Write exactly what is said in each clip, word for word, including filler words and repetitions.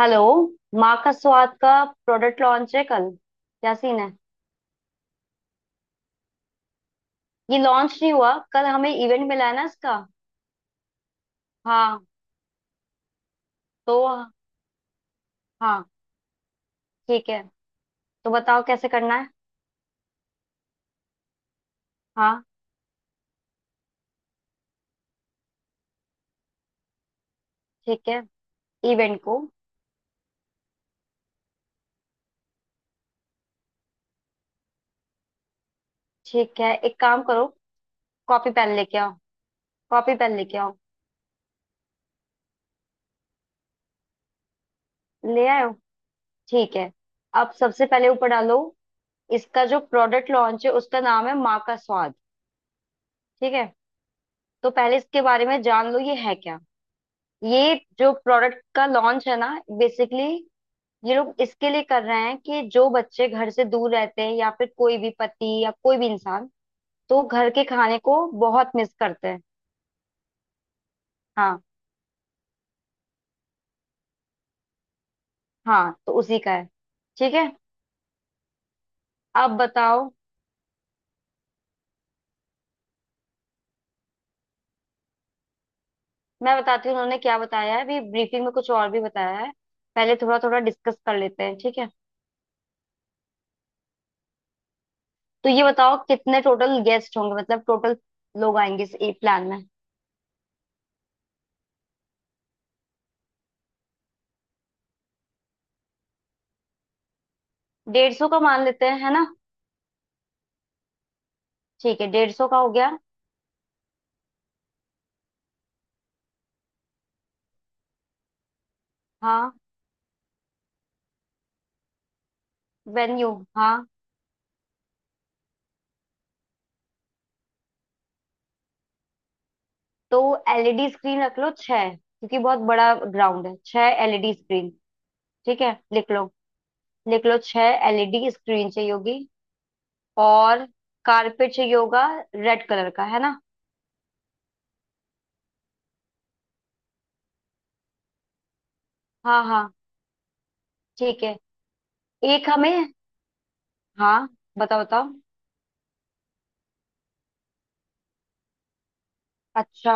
Hello. माँ का स्वाद का प्रोडक्ट लॉन्च है कल। क्या सीन है? ये लॉन्च नहीं हुआ, कल हमें इवेंट मिला है ना इसका। हाँ। तो हाँ, ठीक है। तो बताओ कैसे करना है। हाँ। ठीक है। इवेंट को। ठीक है, एक काम करो, कॉपी पेन लेके आओ। कॉपी पेन लेके आओ। ले आए हो? ठीक है। अब सबसे पहले ऊपर डालो, इसका जो प्रोडक्ट लॉन्च है उसका नाम है माँ का स्वाद। ठीक है। तो पहले इसके बारे में जान लो, ये है क्या। ये जो प्रोडक्ट का लॉन्च है ना, बेसिकली ये लोग इसके लिए कर रहे हैं कि जो बच्चे घर से दूर रहते हैं या फिर कोई भी पति या कोई भी इंसान, तो घर के खाने को बहुत मिस करते हैं। हाँ, हाँ, तो उसी का है। ठीक है। अब बताओ। मैं बताती हूँ उन्होंने क्या बताया है, अभी ब्रीफिंग में कुछ और भी बताया है। पहले थोड़ा थोड़ा डिस्कस कर लेते हैं, ठीक है। तो ये बताओ कितने टोटल गेस्ट होंगे, मतलब टोटल लोग आएंगे इस प्लान में। डेढ़ सौ का मान लेते हैं, है ना। ठीक है, डेढ़ सौ का हो गया। हाँ। वेन्यू। हाँ। तो एलईडी स्क्रीन रख लो छह, क्योंकि बहुत बड़ा ग्राउंड है, छह एलईडी स्क्रीन। ठीक है, लिख लो। लिख लो, छह एलईडी स्क्रीन चाहिए होगी। और कारपेट चाहिए होगा, रेड कलर का, है ना। हाँ, हाँ, ठीक है। एक हमें। हाँ, बताओ बताओ। अच्छा।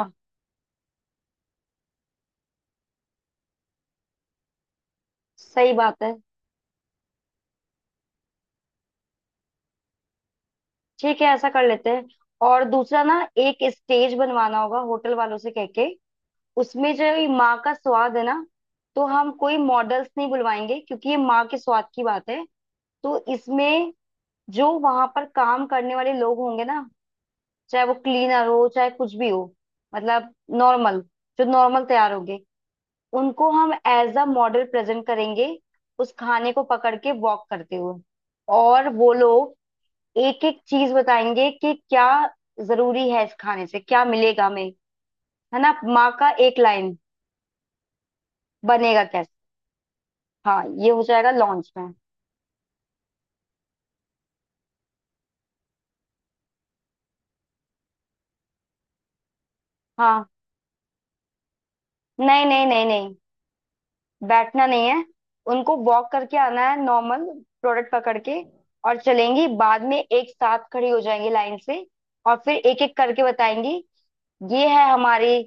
सही बात है, ठीक है, ऐसा कर लेते हैं। और दूसरा ना, एक स्टेज बनवाना होगा होटल वालों से कह के। उसमें जो ये माँ का स्वाद है ना, तो हम कोई मॉडल्स नहीं बुलवाएंगे, क्योंकि ये माँ के स्वाद की बात है। तो इसमें जो वहां पर काम करने वाले लोग होंगे ना, चाहे वो क्लीनर हो चाहे कुछ भी हो, मतलब नॉर्मल, जो नॉर्मल तैयार होंगे, उनको हम एज अ मॉडल प्रेजेंट करेंगे, उस खाने को पकड़ के वॉक करते हुए। और वो लोग एक एक चीज बताएंगे कि क्या जरूरी है, इस खाने से क्या मिलेगा हमें, है ना। माँ का एक लाइन। बनेगा कैसे। हाँ, ये हो जाएगा लॉन्च में। हाँ। नहीं नहीं नहीं नहीं, बैठना नहीं है, उनको वॉक करके आना है नॉर्मल, प्रोडक्ट पकड़ के, और चलेंगी, बाद में एक साथ खड़ी हो जाएंगी लाइन से, और फिर एक एक करके बताएंगी, ये है हमारी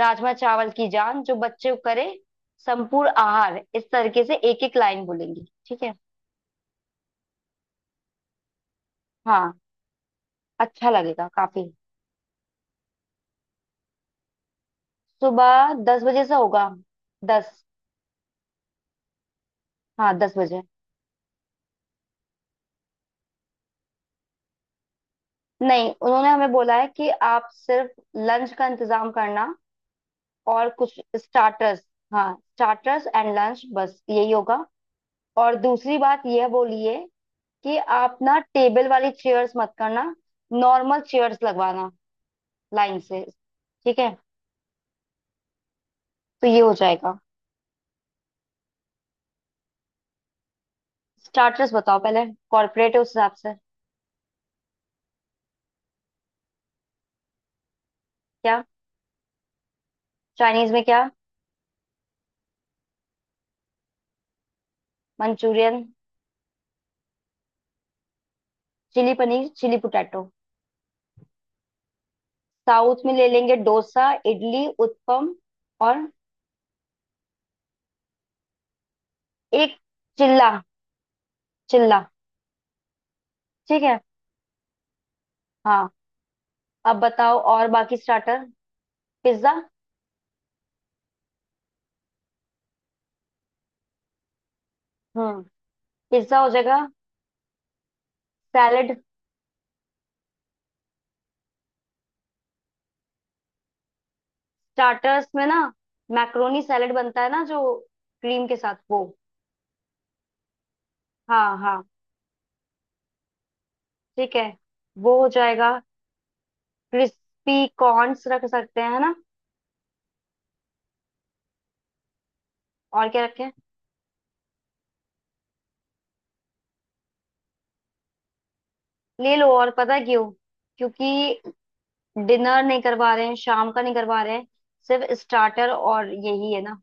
राजमा चावल की जान जो बच्चे को करे संपूर्ण आहार, इस तरीके से एक एक लाइन बोलेंगी, ठीक है। हाँ, अच्छा लगेगा काफी। सुबह दस बजे से होगा। दस। हाँ, दस बजे। नहीं, उन्होंने हमें बोला है कि आप सिर्फ लंच का इंतजाम करना और कुछ स्टार्टर्स। हाँ, स्टार्टर्स एंड लंच, बस यही होगा। और दूसरी बात यह बोली है कि आप ना टेबल वाली चेयर्स मत करना, नॉर्मल चेयर्स लगवाना लाइन से। ठीक है, तो ये हो जाएगा। स्टार्टर्स बताओ पहले, कॉर्पोरेट है उस हिसाब से। क्या। चाइनीज में क्या। Manchurian, chilli paneer, chilli potato. South में ले लेंगे डोसा, इडली, उत्पम, और एक चिल्ला। चिल्ला, ठीक है। हाँ। अब बताओ और बाकी स्टार्टर। पिज्जा। हाँ, पिज्जा हो जाएगा। सैलेड। स्टार्टर्स में ना मैक्रोनी सैलेड बनता है ना, जो क्रीम के साथ वो। हाँ, हाँ, ठीक है, वो हो जाएगा। क्रिस्पी कॉर्न्स रख सकते हैं, है ना। और क्या रखें? ले लो और पता है क्यों? क्योंकि डिनर नहीं करवा रहे हैं, शाम का नहीं करवा रहे हैं, सिर्फ स्टार्टर और यही है ना।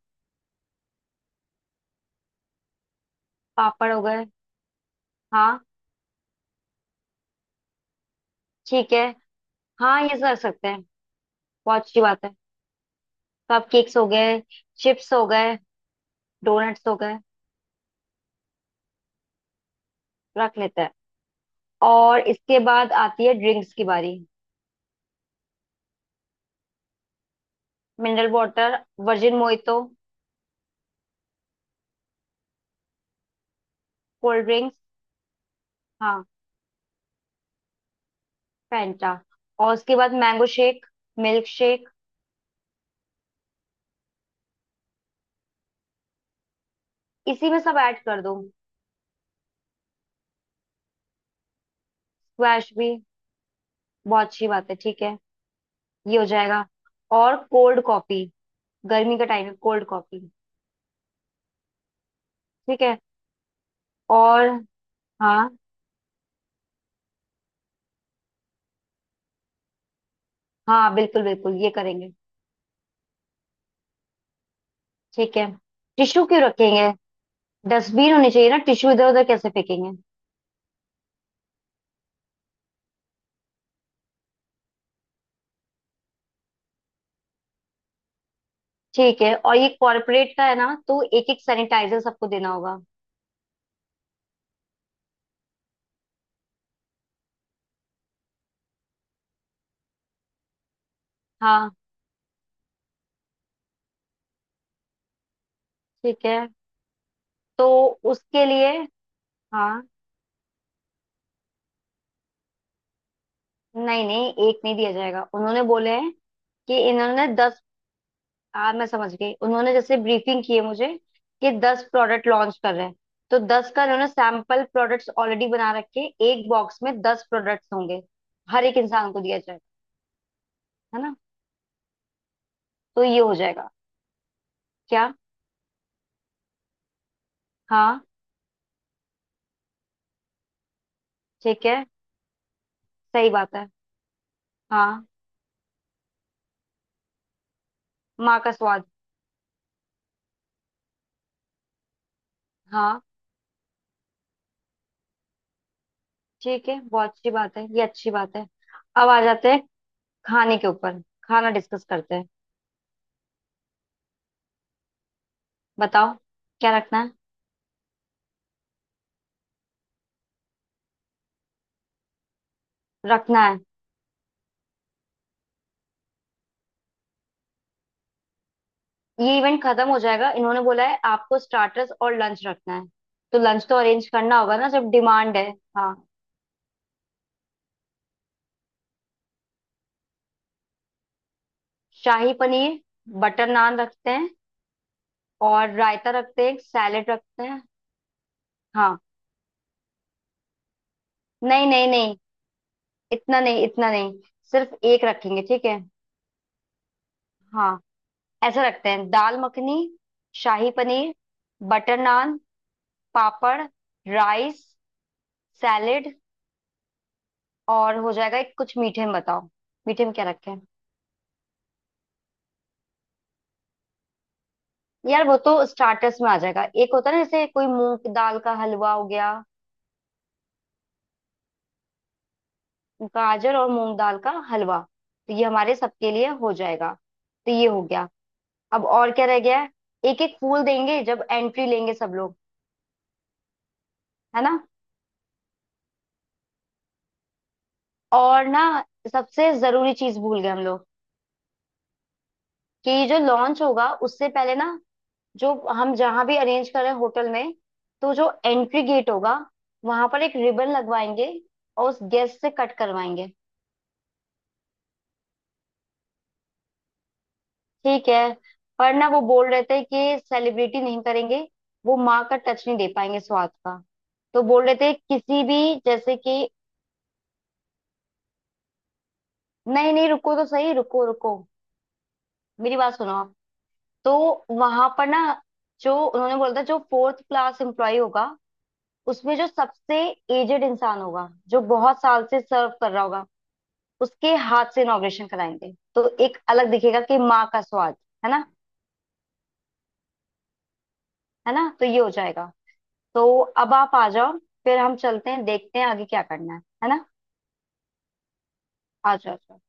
पापड़ हो गए। हाँ, ठीक है, हाँ ये सब रख सकते हैं। बहुत अच्छी बात है। कप केक्स हो गए। चिप्स हो गए। डोनट्स हो गए। रख लेते हैं। और इसके बाद आती है ड्रिंक्स की बारी। Mineral water, virgin mojito. Cold drinks. हाँ, फैंटा। और उसके बाद मैंगो शेक, मिल्क शेक। इसी में सब ऐड कर दो। स्क्वैश भी? बहुत अच्छी बात है, ठीक है, ये हो जाएगा। और कोल्ड कॉफी, गर्मी का टाइम है, कोल्ड कॉफी। ठीक है। और हाँ, हाँ, बिल्कुल बिल्कुल ये करेंगे। ठीक है। टिश्यू क्यों रखेंगे? डस्टबिन होनी चाहिए ना, टिश्यू इधर उधर कैसे फेंकेंगे। ठीक है, और ये कॉर्पोरेट का है ना, तो एक एक सैनिटाइजर सबको देना होगा। हाँ, ठीक है, तो उसके लिए। हाँ। नहीं नहीं, एक नहीं दिया जाएगा, उन्होंने बोले हैं कि इन्होंने दस। हाँ मैं समझ गई, उन्होंने जैसे ब्रीफिंग की है मुझे कि दस प्रोडक्ट लॉन्च कर रहे हैं, तो दस का उन्होंने सैंपल प्रोडक्ट्स ऑलरेडी बना रखे हैं। एक बॉक्स में दस प्रोडक्ट्स होंगे, हर एक इंसान को दिया जाएगा, है ना। तो ये हो जाएगा। क्या? हाँ, ठीक है, सही बात है। हाँ, माँ का स्वाद। हाँ, ठीक है, बहुत अच्छी बात है, ये अच्छी बात है। अब आ जाते हैं खाने के ऊपर, खाना डिस्कस करते हैं। बताओ क्या रखना है। रखना है, ये इवेंट खत्म हो जाएगा, इन्होंने बोला है आपको स्टार्टर्स और लंच रखना है, तो लंच तो अरेंज करना होगा ना जब डिमांड है। हाँ, शाही पनीर, बटर नान रखते हैं, और रायता रखते हैं, सैलेड रखते हैं। हाँ, नहीं नहीं नहीं, इतना नहीं इतना नहीं, सिर्फ एक रखेंगे, ठीक है। हाँ। ऐसा रखते हैं, dal makhani, shahi paneer, butter naan, papad, rice, salad, और हो जाएगा एक कुछ मीठे में। बताओ मीठे में क्या रखें। यार वो तो स्टार्टर्स में आ जाएगा, एक होता है ना जैसे कोई मूंग दाल का हलवा हो गया। गाजर और मूंग दाल का हलवा, तो ये हमारे सबके लिए हो जाएगा। तो ये हो गया। अब और क्या रह गया है? एक एक फूल देंगे जब एंट्री लेंगे सब लोग, है ना। और ना, सबसे जरूरी चीज भूल गए हम लोग, कि ये जो लॉन्च होगा उससे पहले ना, जो हम जहां भी अरेंज कर रहे हैं होटल में, तो जो एंट्री गेट होगा वहां पर एक रिबन लगवाएंगे और उस गेस्ट से कट करवाएंगे। ठीक है, पर ना वो बोल रहे थे कि सेलिब्रिटी नहीं करेंगे, वो माँ का टच नहीं दे पाएंगे स्वाद का, तो बोल रहे थे किसी भी जैसे कि। नहीं नहीं, रुको तो सही, रुको रुको, मेरी बात सुनो आप। तो वहां पर ना, जो उन्होंने बोला था, जो फोर्थ क्लास एम्प्लॉय होगा, उसमें जो सबसे एजेड इंसान होगा, जो बहुत साल से सर्व कर रहा होगा, उसके हाथ से इनॉग्रेशन कराएंगे, तो एक अलग दिखेगा कि माँ का स्वाद, है ना। है ना, तो ये हो जाएगा। तो अब आप आ जाओ, फिर हम चलते हैं, देखते हैं आगे क्या करना है है ना। आ जाओ आ जाओ।